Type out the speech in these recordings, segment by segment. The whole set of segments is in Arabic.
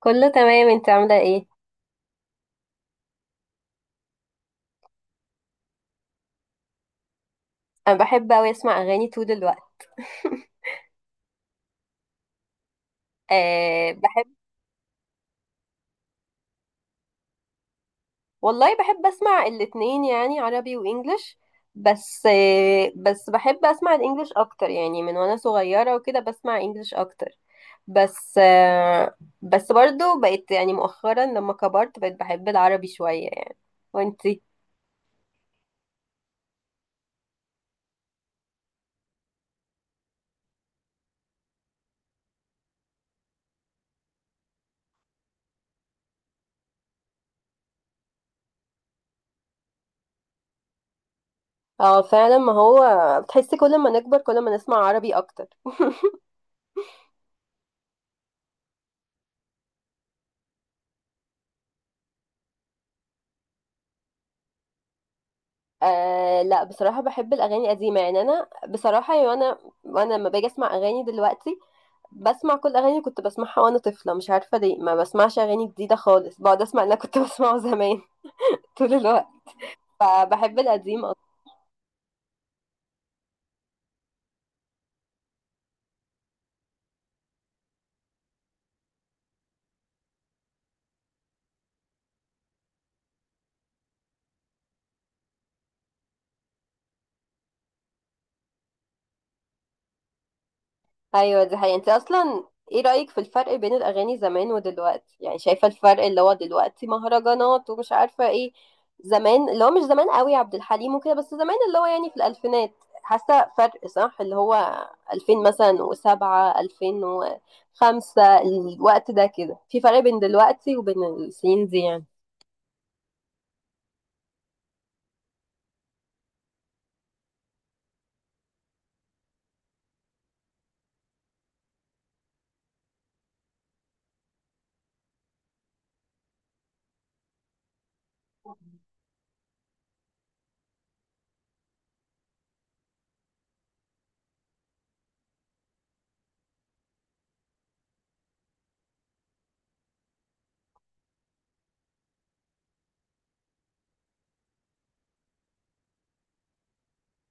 كله تمام، انت عاملة ايه؟ انا بحب اوي اسمع اغاني طول الوقت. أه بحب. والله بحب اسمع الاتنين يعني عربي وانجليش. بس بحب اسمع الانجليش اكتر، يعني من وانا صغيرة وكده بسمع انجليش اكتر. بس أه. بس برضو بقيت يعني مؤخرا لما كبرت بقيت بحب العربي شوية يعني. وانتي؟ اه فعلا، ما هو بتحسي كل ما نكبر كل ما نسمع عربي اكتر. آه لا، بصراحة بحب الأغاني القديمة، يعني أنا بصراحة يعني أنا وأنا لما باجي أسمع أغاني دلوقتي بسمع كل أغاني كنت بسمعها وأنا طفلة. مش عارفة ليه ما بسمعش أغاني جديدة خالص، بقعد أسمع اللي أنا كنت بسمعه زمان. طول الوقت، فبحب القديم. ايوه دي حقيقة. انت اصلا ايه رأيك في الفرق بين الاغاني زمان ودلوقتي؟ يعني شايفة الفرق اللي هو دلوقتي مهرجانات ومش عارفة ايه، زمان اللي هو مش زمان قوي عبد الحليم وكده، بس زمان اللي هو يعني في الالفينات. حاسة فرق صح؟ اللي هو 2000 مثلا وسبعة 2005، الوقت ده كده في فرق بين دلوقتي وبين السنين دي يعني.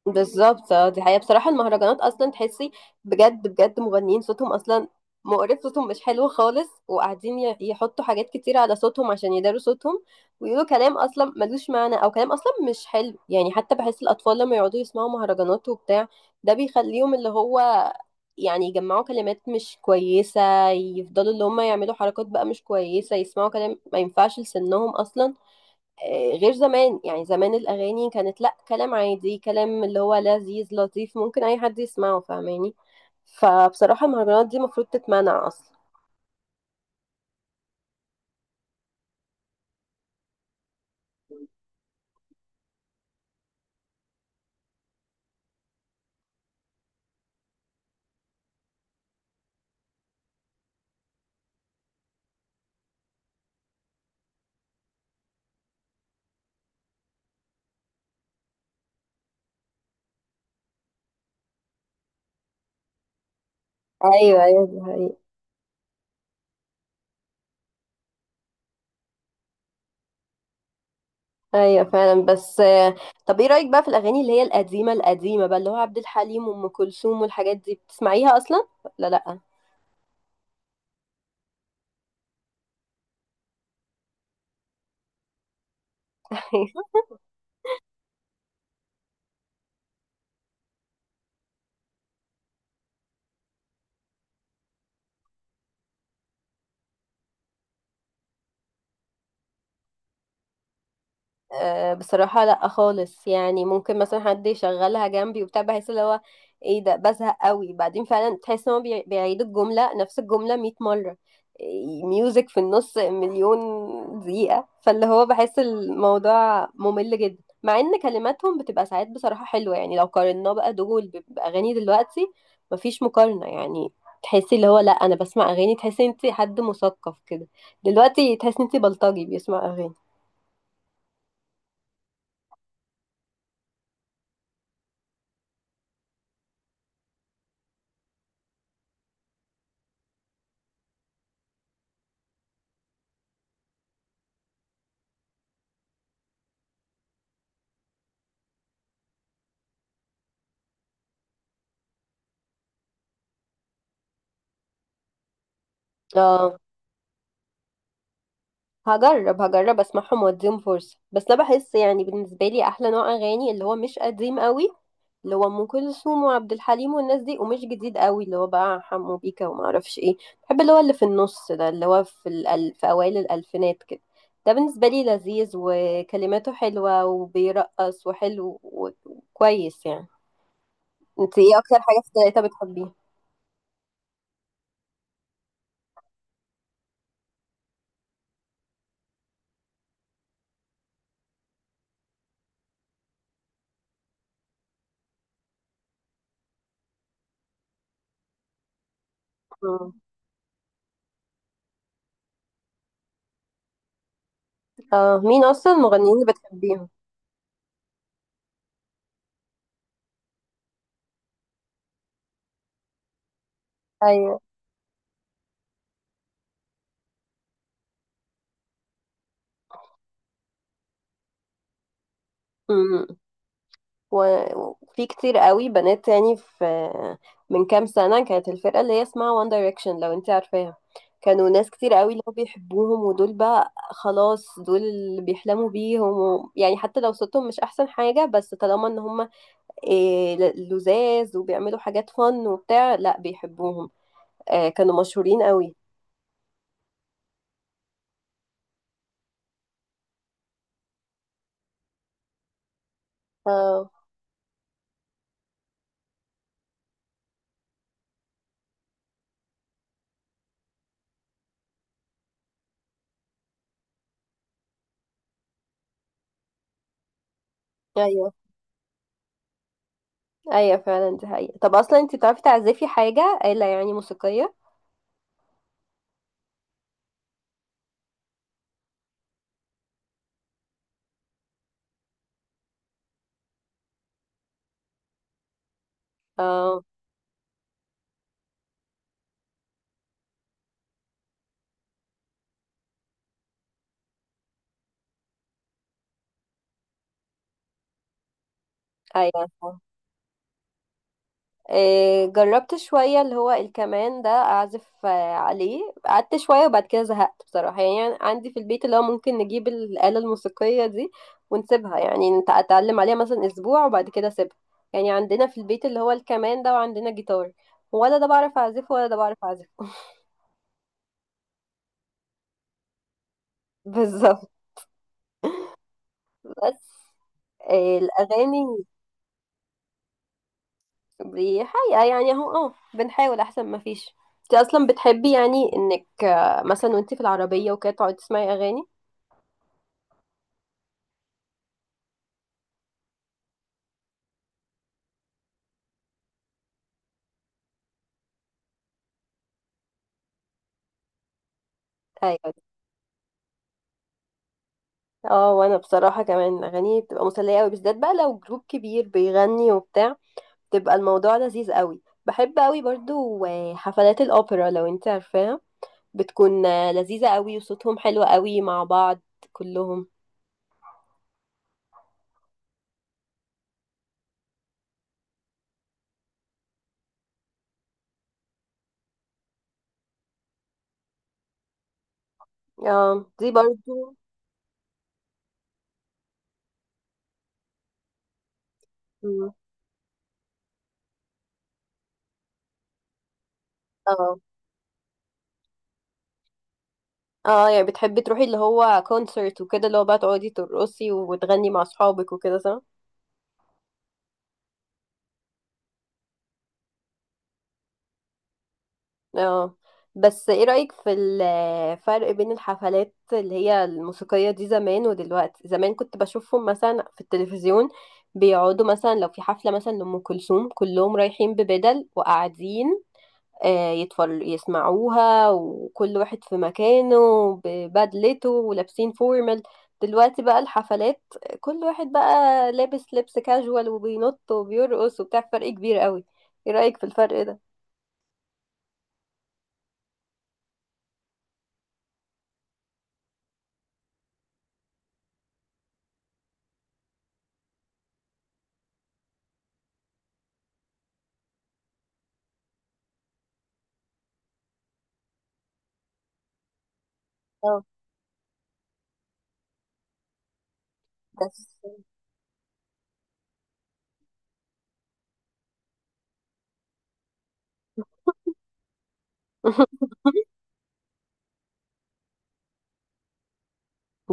بالظبط، اه دي حقيقة. بصراحة المهرجانات أصلا تحسي بجد بجد مغنيين صوتهم أصلا مقرف، صوتهم مش حلو خالص، وقاعدين يحطوا حاجات كتير على صوتهم عشان يداروا صوتهم، ويقولوا كلام أصلا ملوش معنى أو كلام أصلا مش حلو. يعني حتى بحس الأطفال لما يقعدوا يسمعوا مهرجانات وبتاع ده بيخليهم اللي هو يعني يجمعوا كلمات مش كويسة، يفضلوا اللي هم يعملوا حركات بقى مش كويسة، يسمعوا كلام ما ينفعش لسنهم أصلا. غير زمان، يعني زمان الأغاني كانت لأ، كلام عادي، كلام اللي هو لذيذ لطيف ممكن أي حد يسمعه، فاهماني؟ فبصراحة المهرجانات دي المفروض تتمنع أصلا. ايوه ايوه دي حقيقة. أيوة فعلا. بس آه، طب إيه رأيك بقى في الأغاني اللي هي القديمة القديمة بقى اللي هو عبد الحليم وأم كلثوم والحاجات دي؟ بتسمعيها أصلا ولا لأ؟ أه بصراحة لا خالص. يعني ممكن مثلا حد يشغلها جنبي وبتاع بحس اللي هو ايه ده؟ بزهق قوي بعدين، فعلا تحس ان هو بيعيد الجملة نفس الجملة 100 مرة، ميوزك في النص مليون دقيقة، فاللي هو بحس الموضوع ممل جدا. مع ان كلماتهم بتبقى ساعات بصراحة حلوة يعني، لو قارناه بقى دول بأغاني دلوقتي مفيش مقارنة يعني. تحسي اللي هو لا انا بسمع اغاني، تحسي انت حد مثقف كده. دلوقتي تحسي انت بلطجي بيسمع اغاني. اه هجرب هجرب اسمعهم واديهم فرصة. بس انا بحس يعني بالنسبة لي احلى نوع اغاني اللي هو مش قديم قوي اللي هو ام كلثوم وعبد الحليم والناس دي، ومش جديد قوي اللي هو بقى حمو بيكا وما اعرفش ايه. بحب اللي هو اللي في النص ده اللي هو في اوائل الالفينات كده. ده بالنسبة لي لذيذ وكلماته حلوة وبيرقص وحلو وكويس يعني. انت ايه اكتر حاجة في التلاتة بتحبيها؟ مم. اه مين اصلا المغنيين اللي بتحبيهم؟ ايوه. و- وفي كتير قوي بنات، يعني في من كام سنة كانت الفرقة اللي هي اسمها وان دايركشن، لو انت عارفاها. كانوا ناس كتير قوي اللي هو بيحبوهم، ودول بقى خلاص دول اللي بيحلموا بيهم و... يعني حتى لو صوتهم مش احسن حاجة، بس طالما ان هم إيه لذاذ وبيعملوا حاجات فن وبتاع لا بيحبوهم. آه كانوا مشهورين قوي. اه ايوه. ايوه فعلا دي حقيقة. طب اصلا انت بتعرفي تعزفي حاجة آلة يعني موسيقية؟ اه ايوه. جربت شوية اللي هو الكمان ده أعزف عليه، قعدت شوية وبعد كده زهقت بصراحة. يعني عندي في البيت اللي هو ممكن نجيب الآلة الموسيقية دي ونسيبها، يعني أتعلم عليها مثلا أسبوع وبعد كده أسيبها. يعني عندنا في البيت اللي هو الكمان ده وعندنا جيتار، ولا ده بعرف أعزفه ولا ده بعرف أعزفه. بالظبط. بس آه، الأغاني بحقيقة يعني اهو اه بنحاول أحسن ما فيش. انت أصلا بتحبي يعني إنك مثلا وانت في العربية وكده تقعدي تسمعي أغاني؟ ايوه. اه وانا بصراحه كمان اغاني بتبقى مسليه قوي، بالذات بقى لو جروب كبير بيغني وبتاع بتبقى الموضوع لذيذ قوي. بحب قوي برضو حفلات الاوبرا، لو انت عارفاها. بتكون لذيذه قوي وصوتهم حلو قوي مع بعض كلهم. اه دي برضو. مم. اه. اه يعني بتحبي تروحي اللي هو كونسرت وكده، اللي هو بقى تقعدي ترقصي وتغني مع اصحابك وكده، صح؟ اه. بس ايه رأيك في الفرق بين الحفلات اللي هي الموسيقية دي زمان ودلوقتي؟ زمان كنت بشوفهم مثلا في التلفزيون بيقعدوا، مثلا لو في حفلة مثلا لأم كلثوم كلهم رايحين ببدل وقاعدين يتفر يسمعوها، وكل واحد في مكانه ببدلته ولابسين فورمال. دلوقتي بقى الحفلات كل واحد بقى لابس لبس كاجوال وبينط وبيرقص وبتاع، فرق كبير قوي. ايه رأيك في الفرق ده؟ اه. بس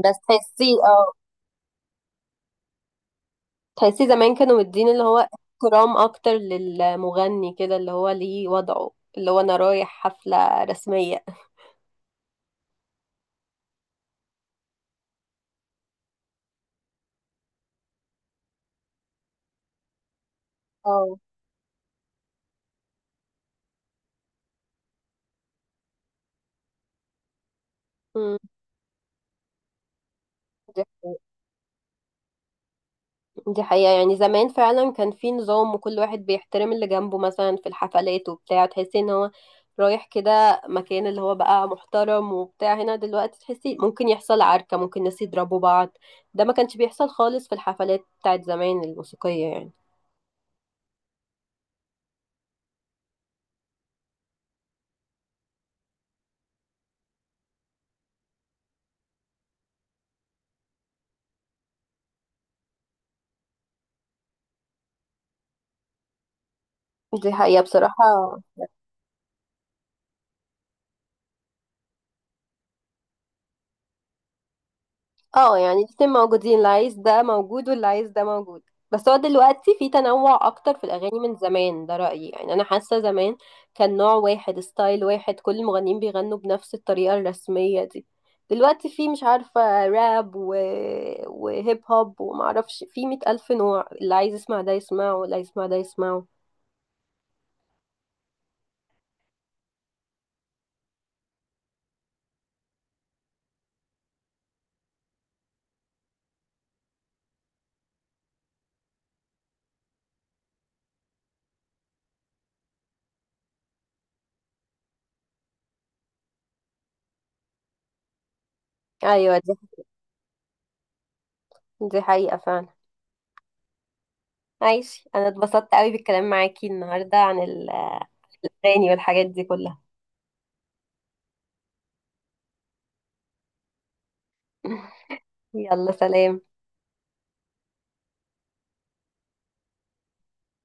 بس تحسيه اه، تحسيه زمان كانوا مدين اللي هو احترام اكتر للمغني كده، اللي هو ليه وضعه اللي هو انا رايح حفلة رسمية. اه. أمم، دي حقيقة. دي حقيقة. يعني زمان فعلا كان في نظام وكل واحد بيحترم اللي جنبه، مثلا في الحفلات وبتاع تحسي ان هو رايح كده مكان اللي هو بقى محترم وبتاع. هنا دلوقتي تحسي ممكن يحصل عركة، ممكن ناس يضربوا بعض. ده ما كانش بيحصل خالص في الحفلات بتاعت زمان الموسيقية يعني. دي حقيقة بصراحة. اه يعني الاتنين موجودين، اللي عايز ده موجود واللي عايز ده موجود. بس هو دلوقتي في تنوع اكتر في الاغاني من زمان، ده رأيي يعني. انا حاسة زمان كان نوع واحد ستايل واحد كل المغنيين بيغنوا بنفس الطريقة الرسمية دي، دلوقتي في مش عارفة راب و... وهيب هوب ومعرفش، في مئة ألف نوع. اللي عايز يسمع ده يسمعه واللي عايز يسمع ده يسمعه. ايوه دي حقيقة فعلا. ماشي، انا اتبسطت قوي بالكلام معاكي النهاردة عن الاغاني والحاجات دي كلها. يلا سلام.